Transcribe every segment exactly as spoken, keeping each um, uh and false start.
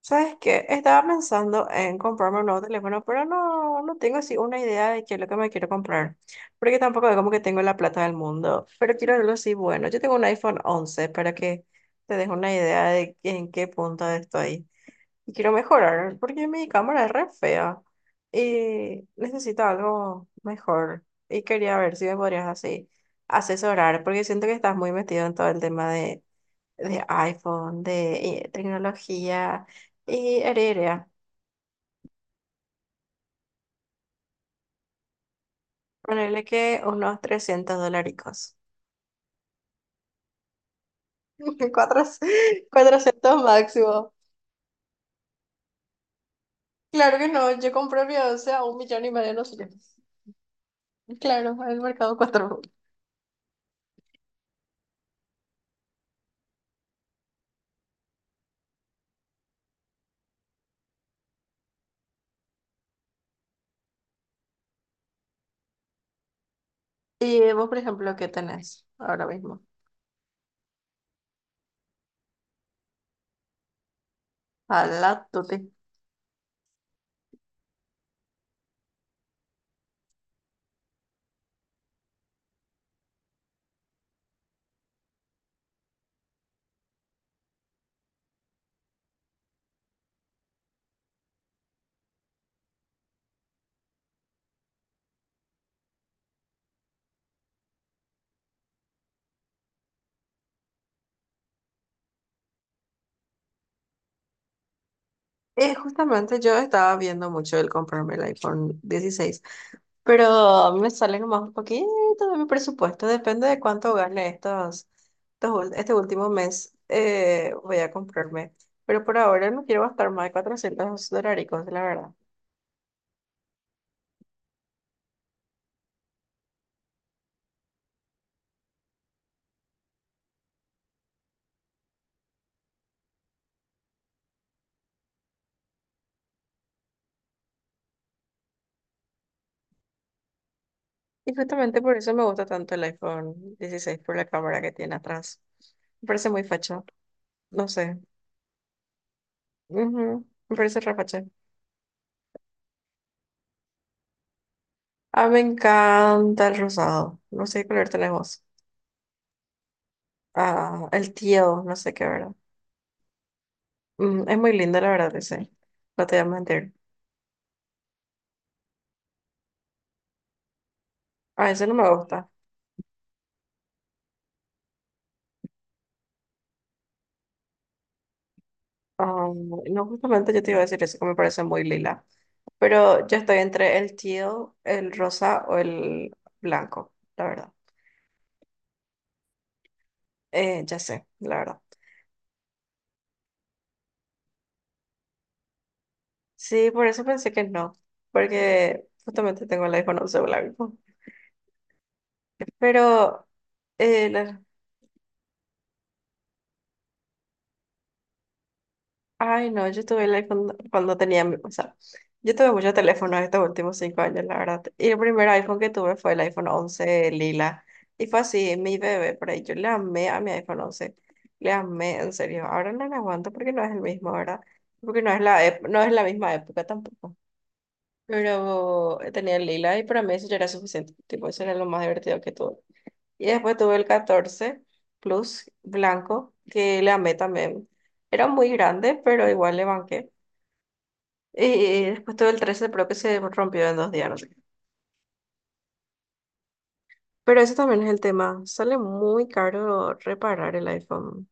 ¿Sabes qué? Estaba pensando en comprarme un nuevo teléfono, pero no, no tengo así una idea de qué es lo que me quiero comprar, porque tampoco es como que tengo la plata del mundo, pero quiero algo así bueno. Yo tengo un iPhone once para que te des una idea de en qué punto estoy. Y quiero mejorar, porque mi cámara es re fea y necesito algo mejor. Y quería ver si me podrías así asesorar, porque siento que estás muy metido en todo el tema de de iPhone, de eh, tecnología y heredia. Ponerle que unos trescientos dólares. Cuatrocientos máximo. Claro que no, yo compré mi once a un millón y medio, no sé qué. Claro, en el mercado cuatro. Y vos, por ejemplo, ¿qué tenés ahora mismo? A la tuti. Eh, justamente yo estaba viendo mucho el comprarme el iPhone dieciséis, pero a mí me sale nomás un poquito de mi presupuesto, depende de cuánto gane estos, estos ul- este último mes, eh, voy a comprarme. Pero por ahora no quiero gastar más de cuatrocientos dolaricos, la verdad. Y justamente por eso me gusta tanto el iPhone dieciséis por la cámara que tiene atrás. Me parece muy facho, no sé. Ujú, me parece re facho. Ah, me encanta el rosado, no sé qué color tenés vos. Ah, el tío, no sé qué, ¿verdad? Mm, es muy lindo, la verdad, ese. No te voy a mentir. A ese no me gusta. Ah, no, justamente yo te iba a decir eso, que me parece muy lila. Pero yo estoy entre el tío, el rosa o el blanco, la verdad. Eh, ya sé, la verdad. Sí, por eso pensé que no, porque justamente tengo el iPhone once blanco. Pero eh, la- Ay, no, yo tuve el iPhone cuando tenía, mi- o sea, yo tuve muchos teléfonos estos últimos cinco años, la verdad. Y el primer iPhone que tuve fue el iPhone once lila. Y fue así, mi bebé, por ahí yo le amé a mi iPhone once. Le amé, en serio. Ahora no lo aguanto porque no es el mismo, ¿verdad? Porque no es la, ep- no es la misma época tampoco. Pero tenía el lila y para mí eso ya era suficiente. Tipo, eso era lo más divertido que tuve. Y después tuve el catorce Plus blanco, que le amé también. Era muy grande, pero igual le banqué. Y después tuve el trece Pro que se rompió en dos días, no sé qué. Pero ese también es el tema. Sale muy caro reparar el iPhone.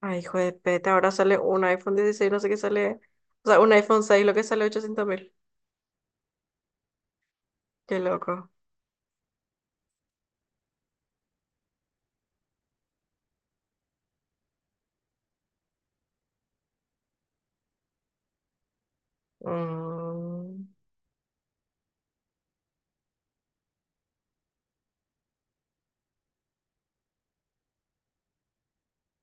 Ay, hijo de peta, ahora sale un iPhone dieciséis no sé qué sale. O sea, un iPhone seis lo que sale ochocientos mil. Qué loco. Mm.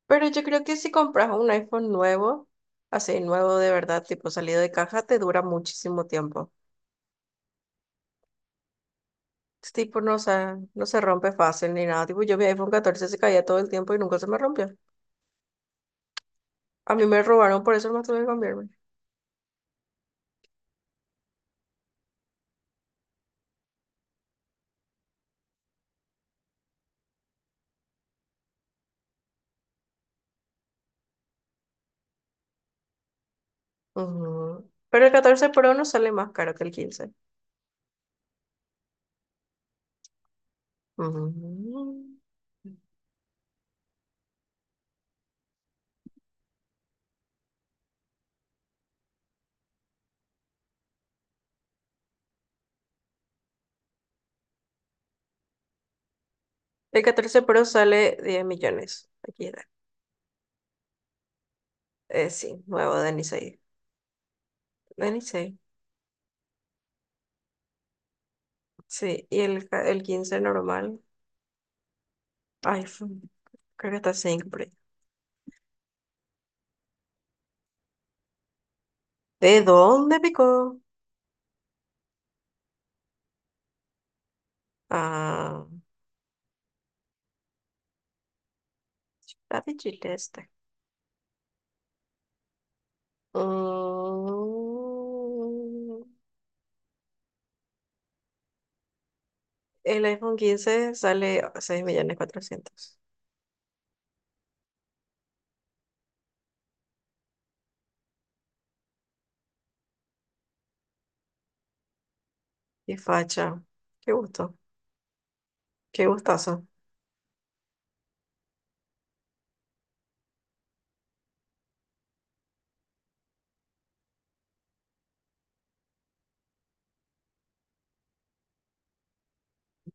Pero yo creo que si compras un iPhone nuevo, así nuevo de verdad, tipo salido de caja, te dura muchísimo tiempo. Es tipo, no se, no se rompe fácil ni nada. Tipo, yo mi iPhone catorce se caía todo el tiempo y nunca se me rompió. A mí me robaron, por eso más tuve que cambiarme. Ujú. Pero el catorce Pro no sale más caro que el quince. Ujú. El catorce Pro sale diez millones. Aquí está. Eh, sí, nuevo de Nisei. De Nisei. Sí, y el, ca- el quince normal, iPhone. Creo que está cinco por ahí. ¿De dónde picó? Ah, está de Chile este. Mm, el iPhone quince sale seis millones cuatrocientos. Qué facha. Qué gusto. Qué gustazo.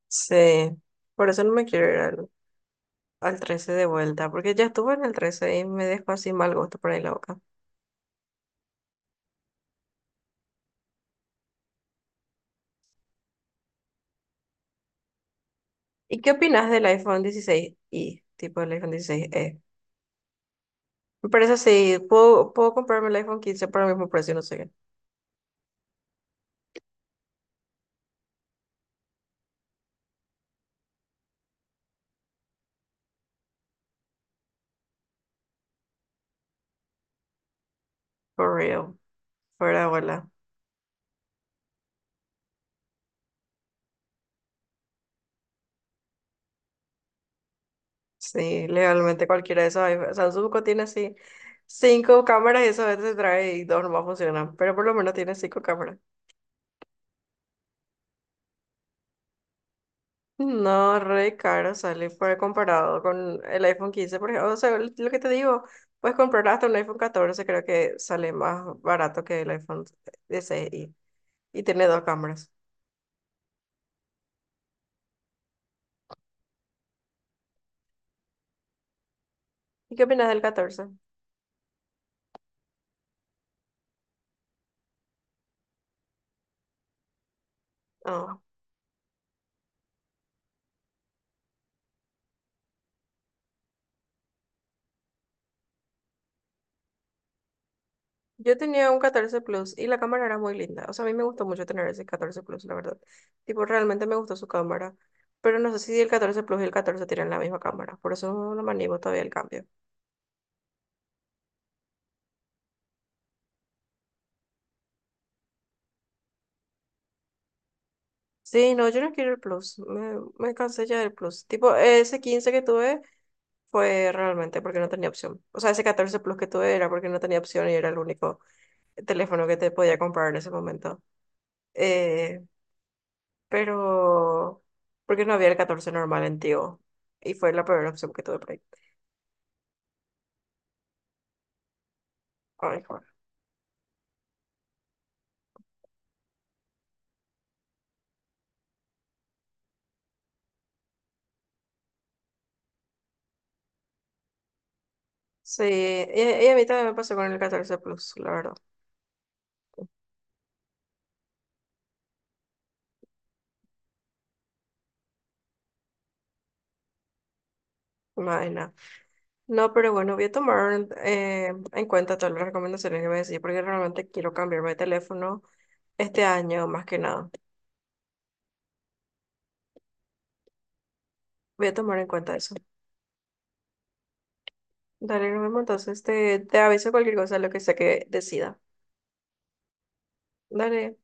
Sí, por eso no me quiero ir al, al trece de vuelta, porque ya estuve en el trece y me dejó así mal gusto por ahí la boca. ¿Y qué opinas del iPhone dieciséis i? Tipo el iPhone dieciséis e. Me parece así, puedo, puedo comprarme el iPhone quince por el mismo precio, no sé qué. For real, fuera de bola. Sí, legalmente cualquiera de esos iPhones, Samsung tiene así cinco cámaras y eso a veces trae y dos nomás funcionan, pero por lo menos tiene cinco cámaras. No, re caro sale por comparado con el iPhone quince, por ejemplo. O sea, lo lo que te digo, puedes comprar hasta un iPhone catorce, creo que sale más barato que el iPhone dieciséis y, y tiene dos cámaras. ¿Y qué opinas del catorce? Ah, yo tenía un catorce Plus y la cámara era muy linda. O sea, a mí me gustó mucho tener ese catorce Plus, la verdad. Tipo, realmente me gustó su cámara. Pero no sé si el catorce Plus y el catorce tienen la misma cámara. Por eso no me animo todavía al cambio. Sí, no, yo no quiero el Plus. Me, me cansé ya del Plus. Tipo, ese quince que tuve fue realmente porque no tenía opción. O sea, ese catorce Plus que tuve era porque no tenía opción y era el único teléfono que te podía comprar en ese momento. Eh, pero, porque no había el catorce normal en Tigo. Y fue la peor opción que tuve por ahí. Ay, joder. Sí, y, y a mí también me pasó con el catorce Plus, la verdad. No, nada. No, pero bueno, voy a tomar eh, en cuenta todas las recomendaciones que me decís porque realmente quiero cambiarme de teléfono. Este año, más que nada. Voy a tomar en cuenta eso. Dale, nos vemos entonces. Te, te aviso cualquier cosa, lo que sea que decida. Dale.